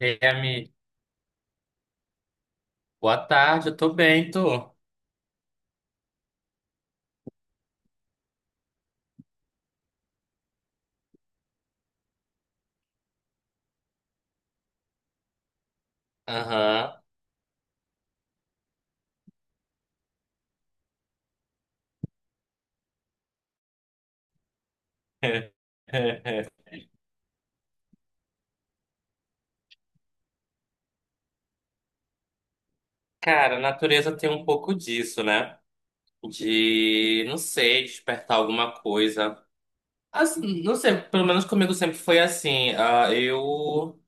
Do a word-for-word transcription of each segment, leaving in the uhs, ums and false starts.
Guilherme, boa tarde, eu tô bem, tô. Aham. Cara, a natureza tem um pouco disso, né? De, não sei, despertar alguma coisa. Assim, não sei, pelo menos comigo sempre foi assim. ah, eu,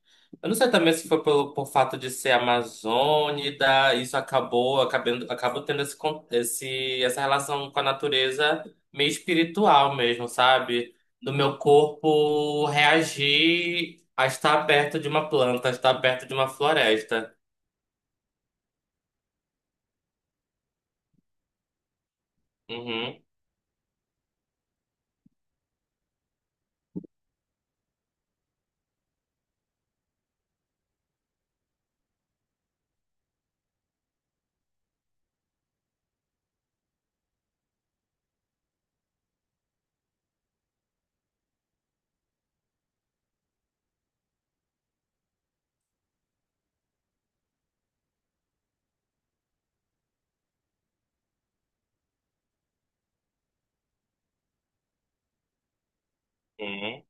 eu não sei também se foi pelo, por fato de ser amazônida, isso acabou, acabando, acabo tendo esse, con- esse, essa relação com a natureza meio espiritual mesmo, sabe? Do meu corpo reagir a estar perto de uma planta, a estar perto de uma floresta. Uhum, uhum,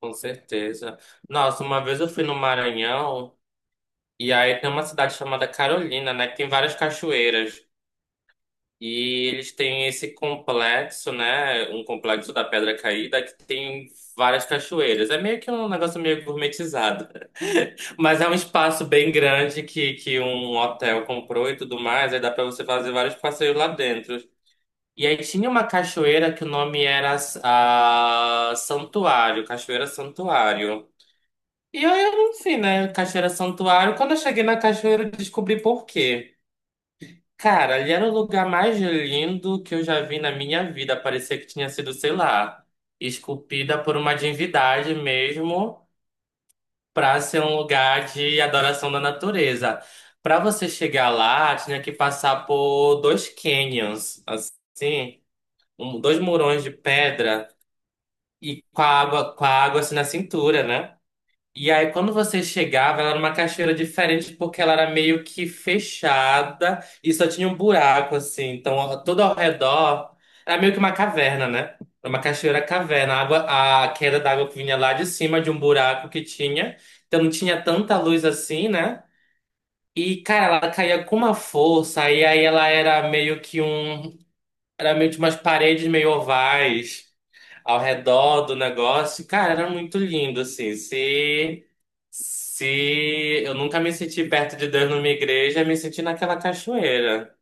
com certeza. Nossa, uma vez eu fui no Maranhão. E aí tem uma cidade chamada Carolina, né? Que tem várias cachoeiras. E eles têm esse complexo, né? Um complexo da Pedra Caída que tem várias cachoeiras. É meio que um negócio meio gourmetizado. Mas é um espaço bem grande que, que um hotel comprou e tudo mais. Aí dá pra você fazer vários passeios lá dentro. E aí tinha uma cachoeira que o nome era a Santuário, Cachoeira Santuário. E aí, enfim, né? Cachoeira Santuário. Quando eu cheguei na cachoeira, eu descobri por quê. Cara, ali era o lugar mais lindo que eu já vi na minha vida. Parecia que tinha sido, sei lá, esculpida por uma divindade mesmo, para ser um lugar de adoração da natureza. Para você chegar lá, tinha que passar por dois canyons, assim, um- dois murões de pedra e com a água, com a água assim na cintura, né? E aí, quando você chegava, ela era uma cachoeira diferente porque ela era meio que fechada e só tinha um buraco, assim. Então, ó, todo ao redor era meio que uma caverna, né? Era uma cachoeira caverna. A água, a queda d'água que vinha lá de cima de um buraco que tinha. Então, não tinha tanta luz assim, né? E, cara, ela caía com uma força. E aí, ela era meio que um. Era meio que umas paredes meio ovais ao redor do negócio. Cara, era muito lindo, assim. Se. Se eu nunca me senti perto de Deus numa igreja, eu me senti naquela cachoeira.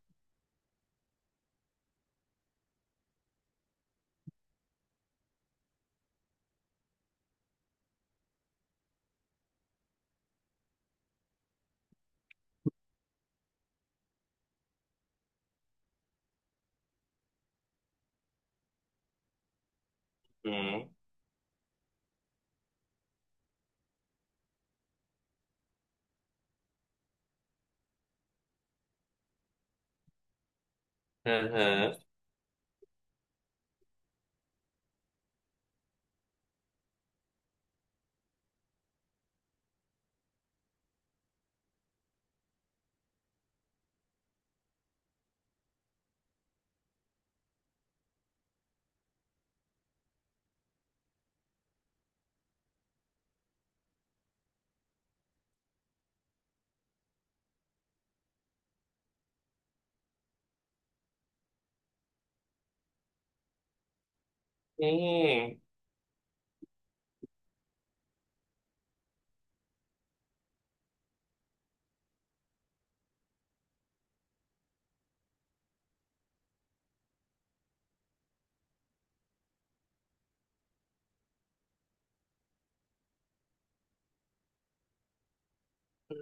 Hum. Aham. Sim.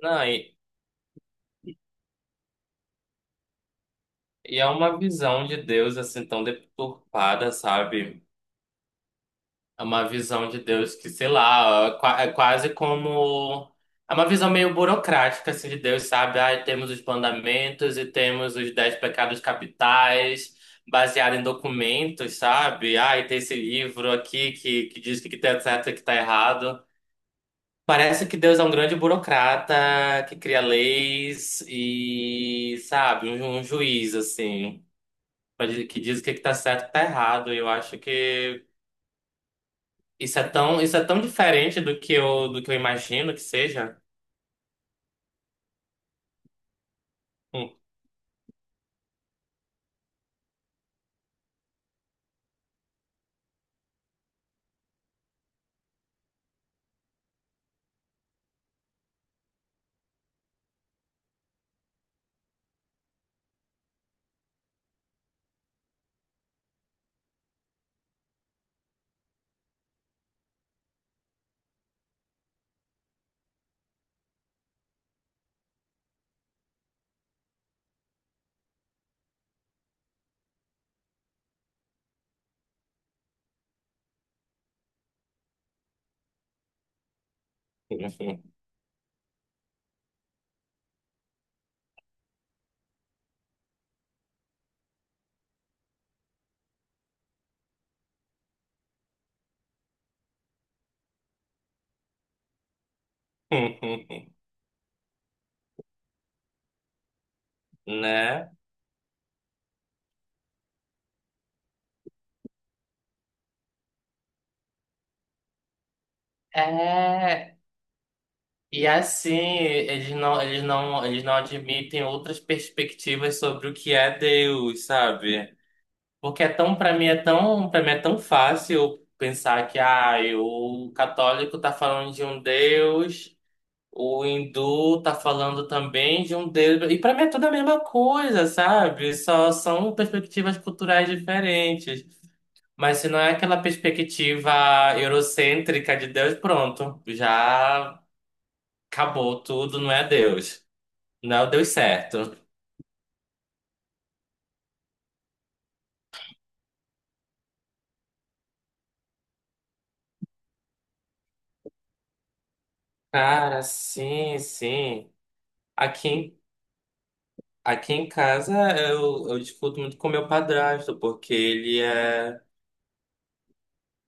Não, e, e é uma visão de Deus assim tão deturpada, sabe? É uma visão de Deus que, sei lá, é qua- é quase como. É uma visão meio burocrática assim, de Deus, sabe? Ah, temos os mandamentos e temos os dez pecados capitais, baseado em documentos, sabe? Ah, e tem esse livro aqui que, que diz o que que tá certo e o que tá errado. Parece que Deus é um grande burocrata que cria leis e, sabe, um, um juiz, assim, pra di- que diz o que que tá certo e o que tá errado. E eu acho que isso é tão, isso é tão diferente do que eu, do que eu imagino que seja. Hum. Né? É, e assim, eles não, eles não, eles não admitem outras perspectivas sobre o que é Deus, sabe? Porque é tão, para mim é tão, para mim é tão fácil pensar que ah, o católico tá falando de um Deus, o hindu tá falando também de um Deus, e para mim é tudo a mesma coisa, sabe? Só são perspectivas culturais diferentes. Mas se não é aquela perspectiva eurocêntrica de Deus, pronto, já acabou tudo, não é Deus. Não deu certo. Cara, sim, sim. Aqui, em- aqui em casa eu, eu discuto muito com meu padrasto, porque ele é,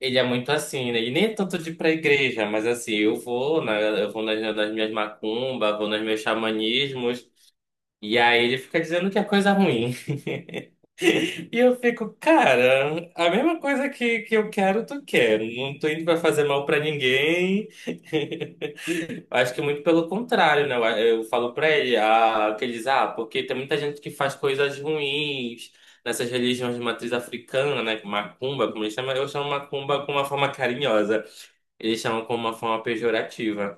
ele é muito assim, né? Ele nem é tanto de ir pra igreja, mas assim, eu vou, né? Eu vou nas, nas minhas macumbas, vou nos meus xamanismos, e aí ele fica dizendo que é coisa ruim. E eu fico, cara, a mesma coisa que, que eu quero, tu quer. Não tô indo pra fazer mal pra ninguém. Eu acho que muito pelo contrário, né? Eu, eu falo pra ele, ah, que ele diz, ah, porque tem muita gente que faz coisas ruins nessas religiões de matriz africana, né? Macumba, como eles chamam, eu chamo macumba com uma forma carinhosa. Eles chamam com uma forma pejorativa.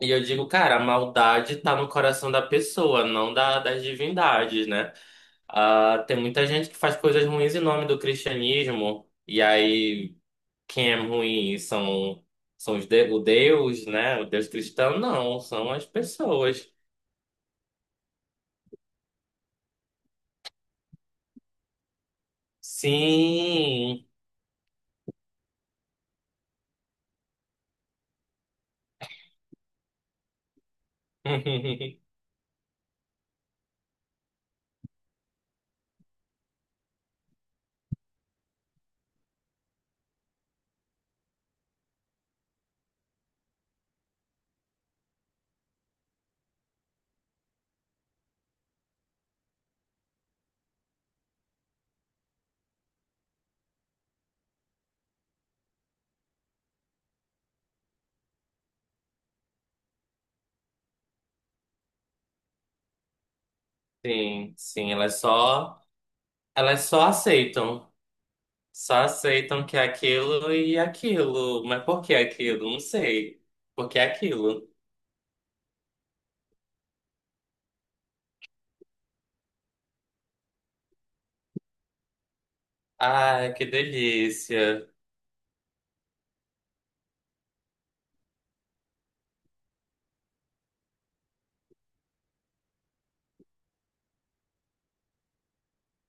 E eu digo, cara, a maldade tá no coração da pessoa, não da, das divindades, né? Ah, tem muita gente que faz coisas ruins em nome do cristianismo. E aí quem é ruim são, são os de, o Deus, né? O Deus cristão, não, são as pessoas. Sim. Sim, sim, elas só, elas só aceitam. Só aceitam que é aquilo e aquilo. Mas por que aquilo? Não sei. Por que aquilo? Ai, que delícia.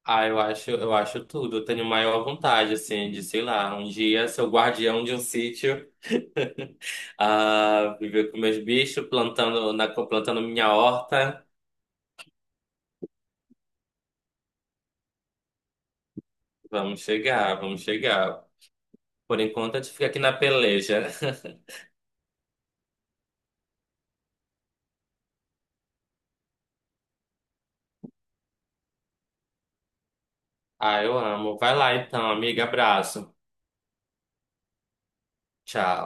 Ah, eu acho, eu acho tudo. Eu tenho maior vontade, assim, de, sei lá, um dia ser o guardião de um sítio, ah, viver com meus bichos, plantando, na, plantando minha horta. Vamos chegar, vamos chegar. Por enquanto, a gente fica aqui na peleja. Ah, eu amo. Vai lá então, amiga. Abraço. Tchau.